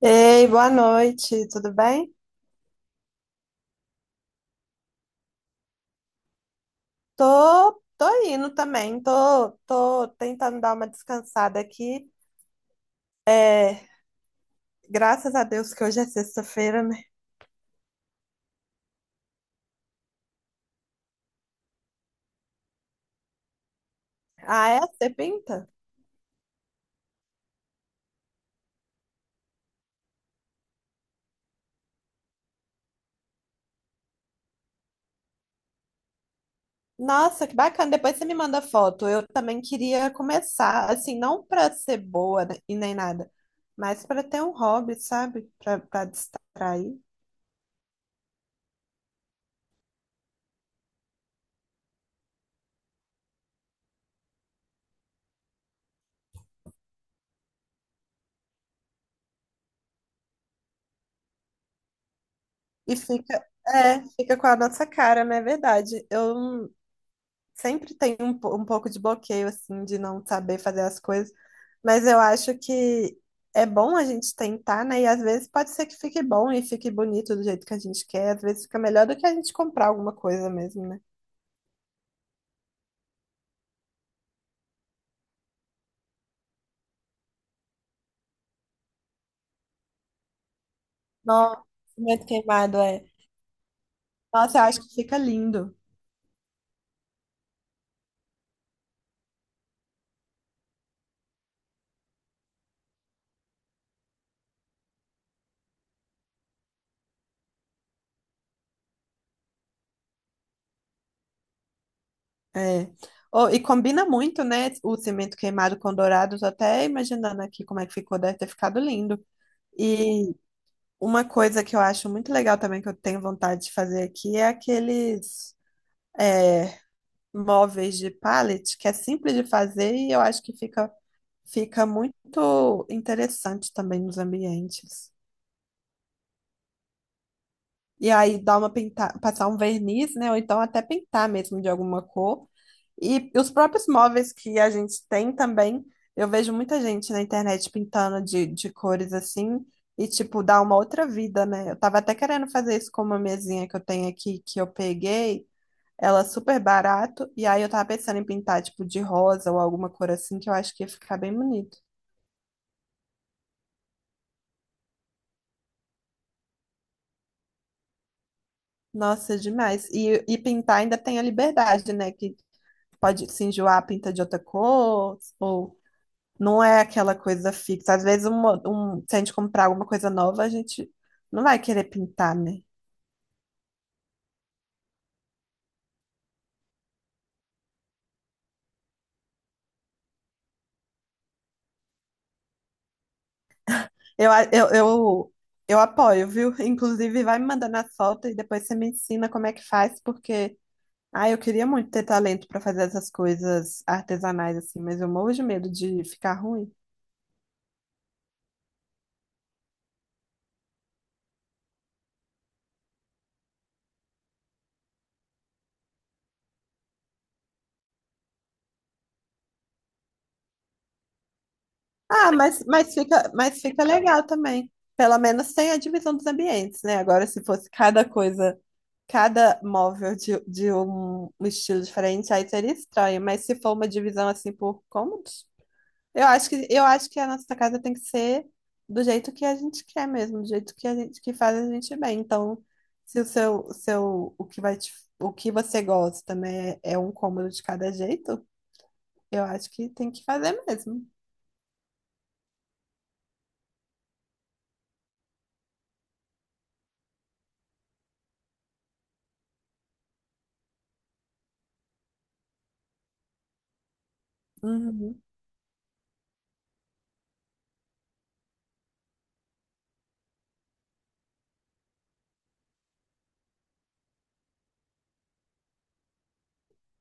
Ei, boa noite, tudo bem? Tô, indo também, tô tentando dar uma descansada aqui. É, Graças a Deus que hoje é sexta-feira, né? Ah, é? Você pinta? Nossa, que bacana. Depois você me manda foto. Eu também queria começar, assim, não pra ser boa né, e nem nada, mas pra ter um hobby, sabe? Pra distrair. E fica, é, fica com a nossa cara, não é verdade? Eu sempre tem um pouco de bloqueio, assim, de não saber fazer as coisas, mas eu acho que é bom a gente tentar, né? E às vezes pode ser que fique bom e fique bonito do jeito que a gente quer, às vezes fica melhor do que a gente comprar alguma coisa mesmo, né? Nossa, muito queimado, é. Nossa, eu acho que fica lindo. É. Oh, e combina muito, né? O cimento queimado com dourado, tô até imaginando aqui como é que ficou, deve ter ficado lindo. E uma coisa que eu acho muito legal também, que eu tenho vontade de fazer aqui, é é, móveis de pallet, que é simples de fazer e eu acho que fica muito interessante também nos ambientes. E aí dá uma pintar, passar um verniz, né? Ou então até pintar mesmo de alguma cor. E os próprios móveis que a gente tem também, eu vejo muita gente na internet pintando de cores assim, e tipo, dá uma outra vida, né? Eu tava até querendo fazer isso com uma mesinha que eu tenho aqui, que eu peguei. Ela super barato. E aí eu tava pensando em pintar, tipo, de rosa ou alguma cor assim, que eu acho que ia ficar bem bonito. Nossa, demais. E pintar ainda tem a liberdade, né? Que pode se enjoar, pinta de outra cor, ou não é aquela coisa fixa. Às vezes, se a gente comprar alguma coisa nova, a gente não vai querer pintar, né? Eu, a- eu, eu apoio, viu? Inclusive, vai me mandando as fotos e depois você me ensina como é que faz, porque. Ah, eu queria muito ter talento para fazer essas coisas artesanais assim, mas eu morro de medo de ficar ruim. Ah, mas fica legal também. Pelo menos tem a divisão dos ambientes, né? Agora, se fosse cada coisa, cada móvel de um um estilo diferente, aí seria estranho. Mas se for uma divisão assim por cômodos, eu acho que a nossa casa tem que ser do jeito que a gente quer mesmo, do jeito que a gente que faz a gente bem. Então, se o seu, seu, o que vai te, o que você gosta, né, é um cômodo de cada jeito, eu acho que tem que fazer mesmo. Uhum.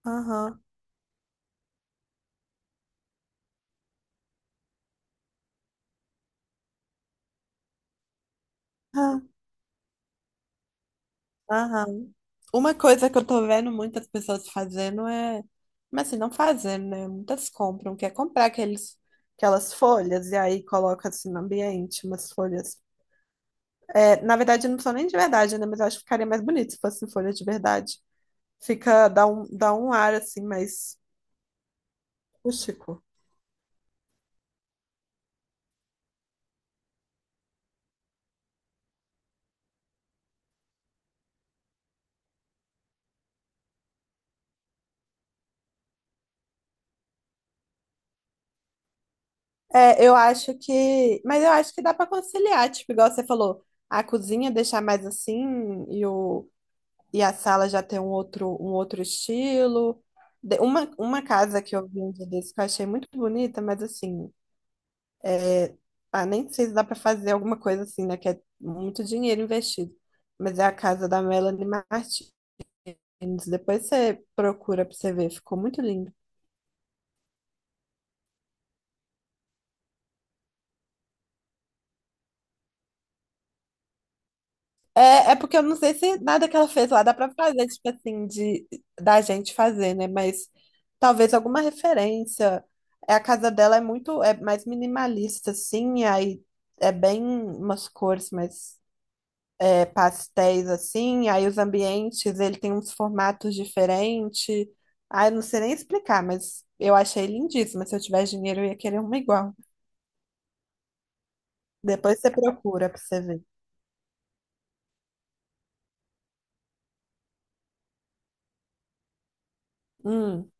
Aham. Ah, Aham. Uma coisa que eu tô vendo muitas pessoas fazendo é. Mas assim, não fazendo, né? Muitas compram, quer comprar aqueles, aquelas folhas e aí coloca assim no ambiente umas folhas. É, na verdade, não são nem de verdade, né? Mas eu acho que ficaria mais bonito se fossem folhas de verdade. Fica, dá um ar assim mais rústico. É, eu acho que. Mas eu acho que dá pra conciliar, tipo, igual você falou, a cozinha deixar mais assim e o E a sala já tem um outro estilo. Uma casa que eu vi um dia desse que eu achei muito bonita, mas assim, é, ah, nem sei se dá para fazer alguma coisa assim, né? Que é muito dinheiro investido. Mas é a casa da Melanie Martins. Depois você procura para você ver, ficou muito lindo. É, é porque eu não sei se nada que ela fez lá dá pra fazer, tipo assim, de da gente fazer, né? Mas talvez alguma referência. É, a casa dela é muito, é mais minimalista, assim, aí é bem umas cores mais pastéis, assim, aí os ambientes, ele tem uns formatos diferentes. Ah, eu não sei nem explicar, mas eu achei lindíssima. Se eu tivesse dinheiro, eu ia querer uma igual. Depois você procura pra você ver. Hum.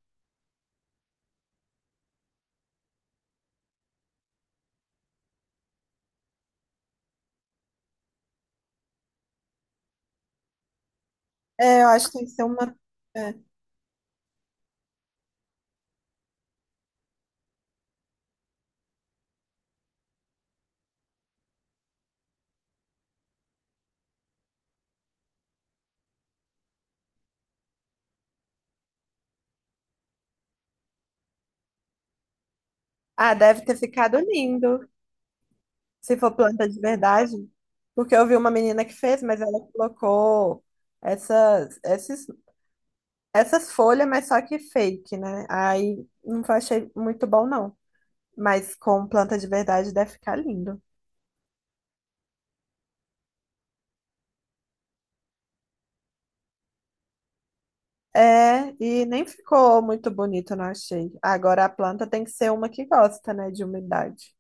É, eu acho que tem que ser uma. É, Ah, deve ter ficado lindo, se for planta de verdade. Porque eu vi uma menina que fez, mas ela colocou essas, esses, essas folhas, mas só que fake, né? Aí não achei muito bom, não. Mas com planta de verdade deve ficar lindo. É, e nem ficou muito bonito, não achei. Agora a planta tem que ser uma que gosta, né, de umidade.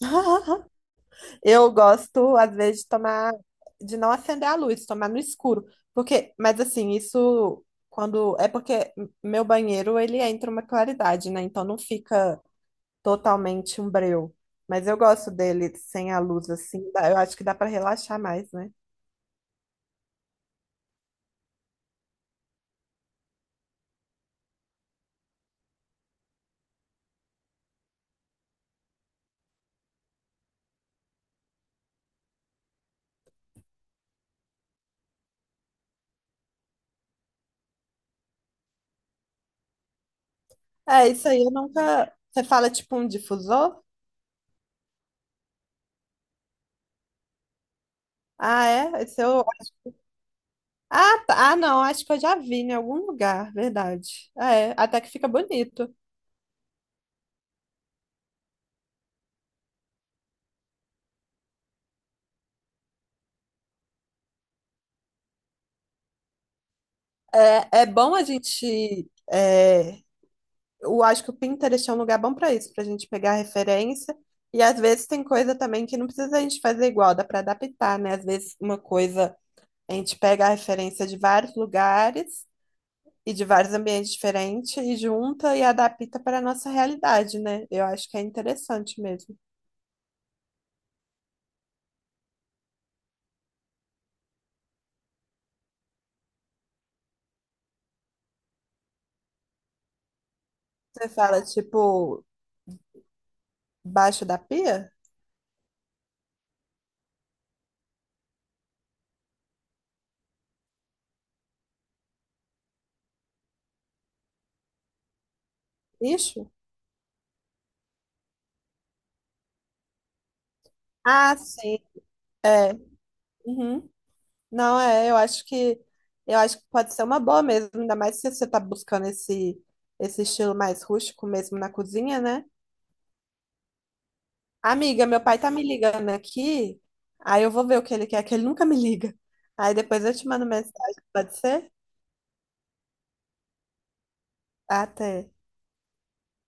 Eu gosto, às vezes, de tomar, de não acender a luz, tomar no escuro. Porque, mas assim, isso quando. É porque meu banheiro ele entra uma claridade, né? Então não fica totalmente um breu. Mas eu gosto dele sem a luz assim, dá- eu acho que dá para relaxar mais, né? É, isso aí eu nunca. Você fala tipo um difusor? Ah, é? Esse eu... Ah, tá. Ah, não, acho que eu já vi em algum lugar, verdade. Ah, é, até que fica bonito. É, é bom a gente. É, eu acho que o Pinterest é um lugar bom para isso, para a gente pegar referência. E às vezes tem coisa também que não precisa a gente fazer igual, dá para adaptar, né? Às vezes uma coisa a gente pega a referência de vários lugares e de vários ambientes diferentes e junta e adapta para a nossa realidade, né? Eu acho que é interessante mesmo. Você fala, tipo, baixo da pia? Isso? Ah, sim. É. Uhum. Não, é, eu acho que pode ser uma boa mesmo, ainda mais se você tá buscando esse estilo mais rústico mesmo na cozinha, né? Amiga, meu pai tá me ligando aqui, aí eu vou ver o que ele quer, que ele nunca me liga. Aí depois eu te mando mensagem, pode ser? Até.